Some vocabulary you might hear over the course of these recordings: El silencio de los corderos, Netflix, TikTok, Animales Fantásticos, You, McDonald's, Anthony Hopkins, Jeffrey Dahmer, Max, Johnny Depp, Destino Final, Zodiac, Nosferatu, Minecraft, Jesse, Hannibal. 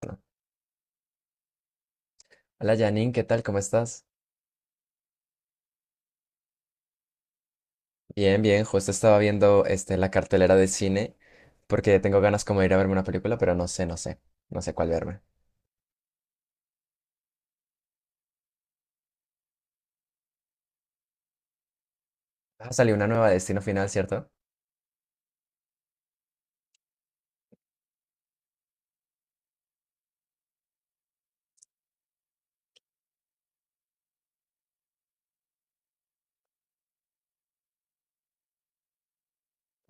Bueno, hola Janine, ¿qué tal? ¿Cómo estás? Bien, bien, justo estaba viendo la cartelera de cine porque tengo ganas como de ir a verme una película, pero no sé cuál verme. Ah, salió una nueva de Destino Final, ¿cierto?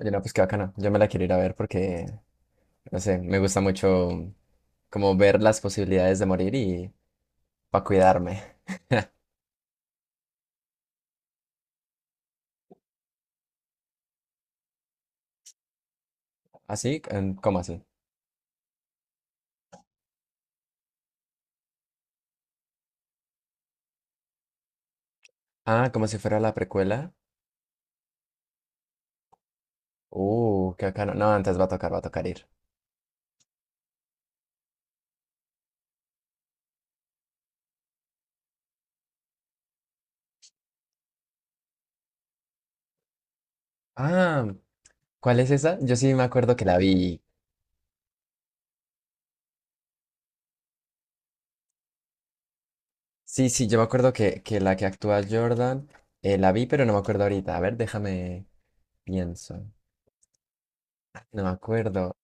Oye, no, pues qué bacana, yo me la quiero ir a ver porque, no sé, me gusta mucho como ver las posibilidades de morir y para cuidarme. ¿Así? ¿Cómo así? Ah, como si fuera la precuela. Qué bacano. No, antes va a tocar ir. Ah, ¿cuál es esa? Yo sí me acuerdo que la vi. Sí, sí, yo me acuerdo que la que actúa Jordan la vi, pero no me acuerdo ahorita. A ver, déjame, pienso. No me acuerdo.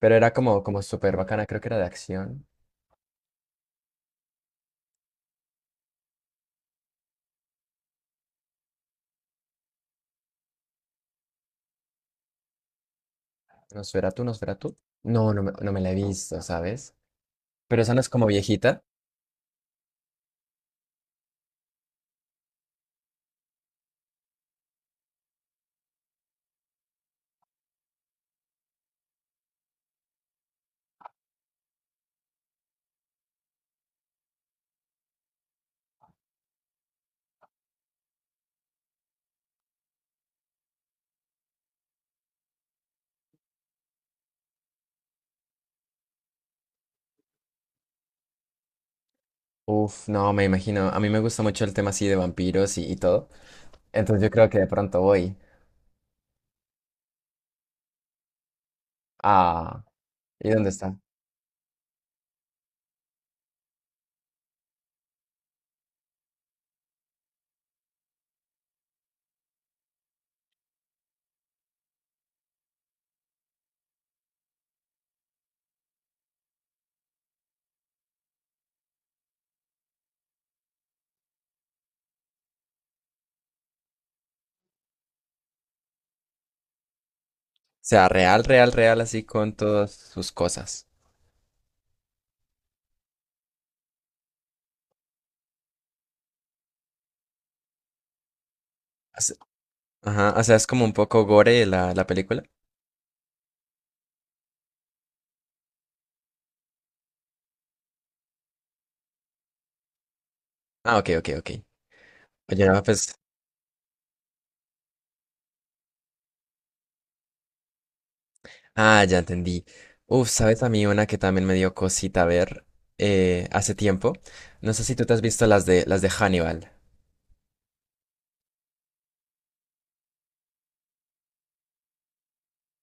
Pero era como súper bacana, creo que era de acción. ¿Nosferatu, Nosferatu? No, no me la he visto, ¿sabes? Pero esa no es como viejita. Uf, no, me imagino. A mí me gusta mucho el tema así de vampiros y todo. Entonces yo creo que de pronto voy. Ah, ¿y dónde está? O sea, real, real, real, así con todas sus cosas. Así- Ajá, o sea, es como un poco gore la película. Ah, ok, ok, ok. Oye, no, pues, ah, ya entendí. Uf, ¿sabes a mí una que también me dio cosita ver, hace tiempo? No sé si tú te has visto las de Hannibal.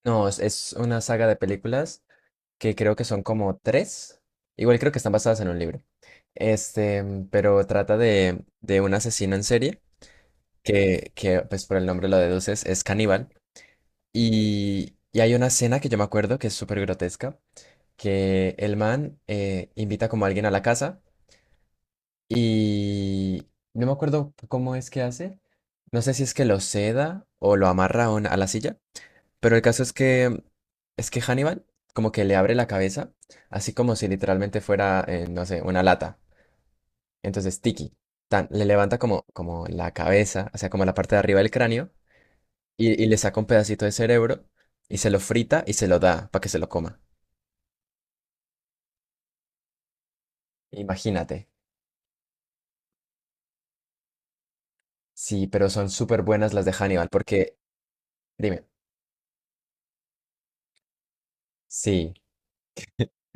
No, es una saga de películas que creo que son como tres. Igual creo que están basadas en un libro. Este, pero trata de un asesino en serie pues por el nombre lo deduces, es caníbal. Y hay una escena que yo me acuerdo que es súper grotesca, que el man invita como a alguien a la casa. Y no me acuerdo cómo es que hace. No sé si es que lo seda o lo amarra a a la silla. Pero el caso es que Hannibal como que le abre la cabeza, así como si literalmente fuera, no sé, una lata. Entonces le levanta como la cabeza, o sea, como la parte de arriba del cráneo, y le saca un pedacito de cerebro y se lo frita y se lo da para que se lo coma. Imagínate. Sí, pero son súper buenas las de Hannibal. Porque, dime, sí,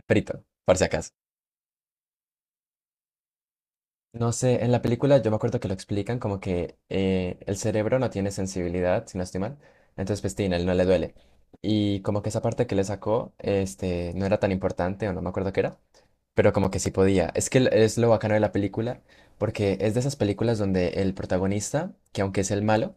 frito, por si acaso. No sé, en la película yo me acuerdo que lo explican como que el cerebro no tiene sensibilidad, si no estoy mal, entonces pues tin, a él no le duele. Y como que esa parte que le sacó, no era tan importante o no me acuerdo qué era, pero como que sí podía. Es que es lo bacano de la película, porque es de esas películas donde el protagonista, que aunque es el malo,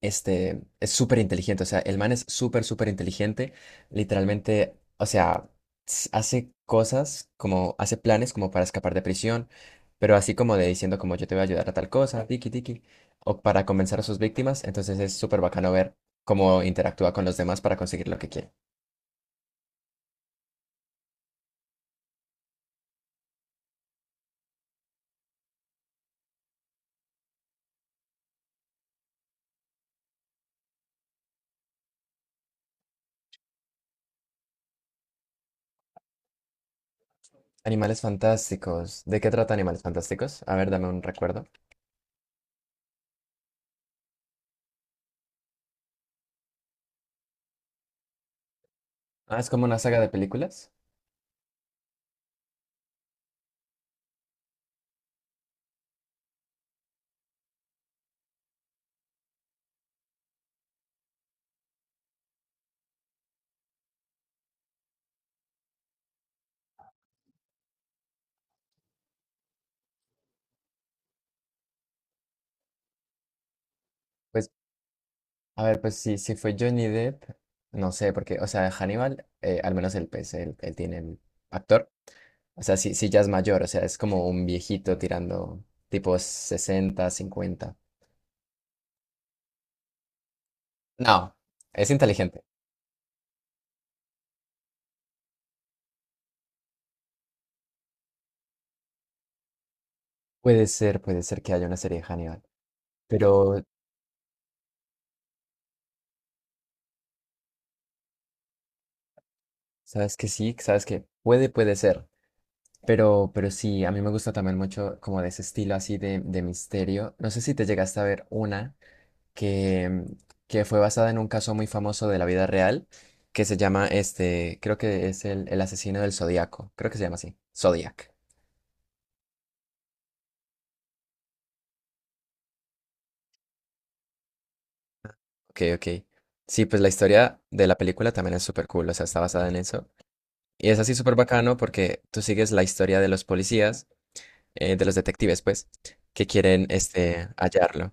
este es súper inteligente, o sea, el man es súper, súper inteligente, literalmente, o sea, hace cosas como, hace planes como para escapar de prisión, pero así como de diciendo como yo te voy a ayudar a tal cosa, tiki tiki, o para convencer a sus víctimas, entonces es súper bacano ver cómo interactúa con los demás para conseguir lo que quiere. Animales Fantásticos, ¿de qué trata Animales Fantásticos? A ver, dame un recuerdo. Ah, es como una saga de películas. Pues, a ver, pues si fue Johnny Depp, no sé, porque, o sea, Hannibal, al menos el pez él tiene el actor. O sea, sí, sí ya es mayor, o sea, es como un viejito tirando tipo sesenta, cincuenta. No, es inteligente. Puede ser que haya una serie de Hannibal. Pero, ¿sabes que sí? ¿Sabes que puede, puede ser? Pero sí, a mí me gusta también mucho como de ese estilo así de misterio. No sé si te llegaste a ver una que, que fue basada en un caso muy famoso de la vida real, que se llama creo que es el asesino del Zodíaco, creo que se llama así, Zodiac. Ok, ok. Sí, pues la historia de la película también es súper cool, o sea, está basada en eso. Y es así súper bacano porque tú sigues la historia de los policías, de los detectives, pues, que quieren hallarlo.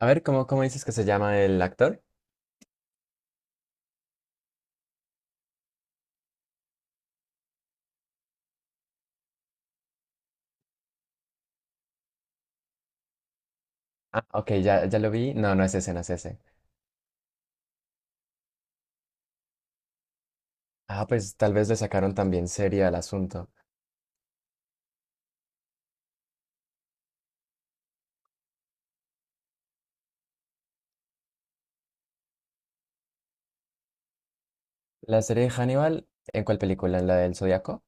A ver, ¿cómo, cómo dices que se llama el actor? Ah, ok, ya lo vi. No, no es ese, no es ese. Ah, pues tal vez le sacaron también serie al asunto. La serie de Hannibal, ¿en cuál película? ¿En la del Zodíaco?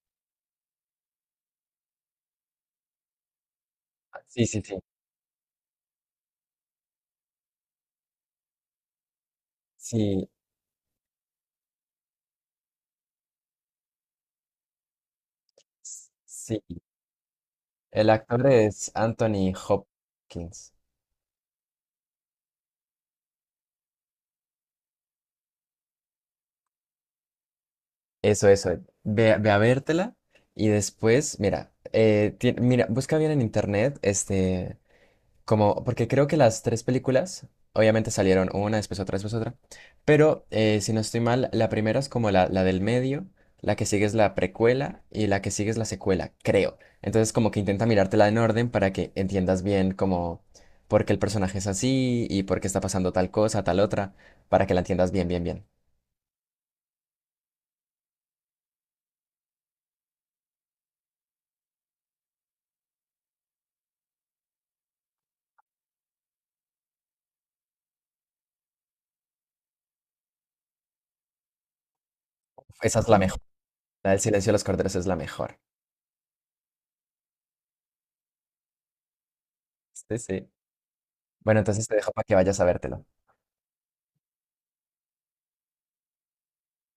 Ah, sí, sí, sí. Sí, sí. El actor es Anthony Hopkins. Eso, eso. Ve, ve a vértela y después, mira, mira, busca bien en internet, Como, porque creo que las tres películas, obviamente salieron una, después otra, pero si no estoy mal, la primera es como la del medio, la que sigue es la precuela y la que sigue es la secuela, creo. Entonces como que intenta mirártela en orden para que entiendas bien como por qué el personaje es así y por qué está pasando tal cosa, tal otra, para que la entiendas bien, bien, bien. Esa es la mejor. La del silencio de los corderos es la mejor. Sí, sí. Bueno, entonces te dejo para que vayas a vértelo.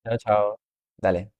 Chao, chao. Dale.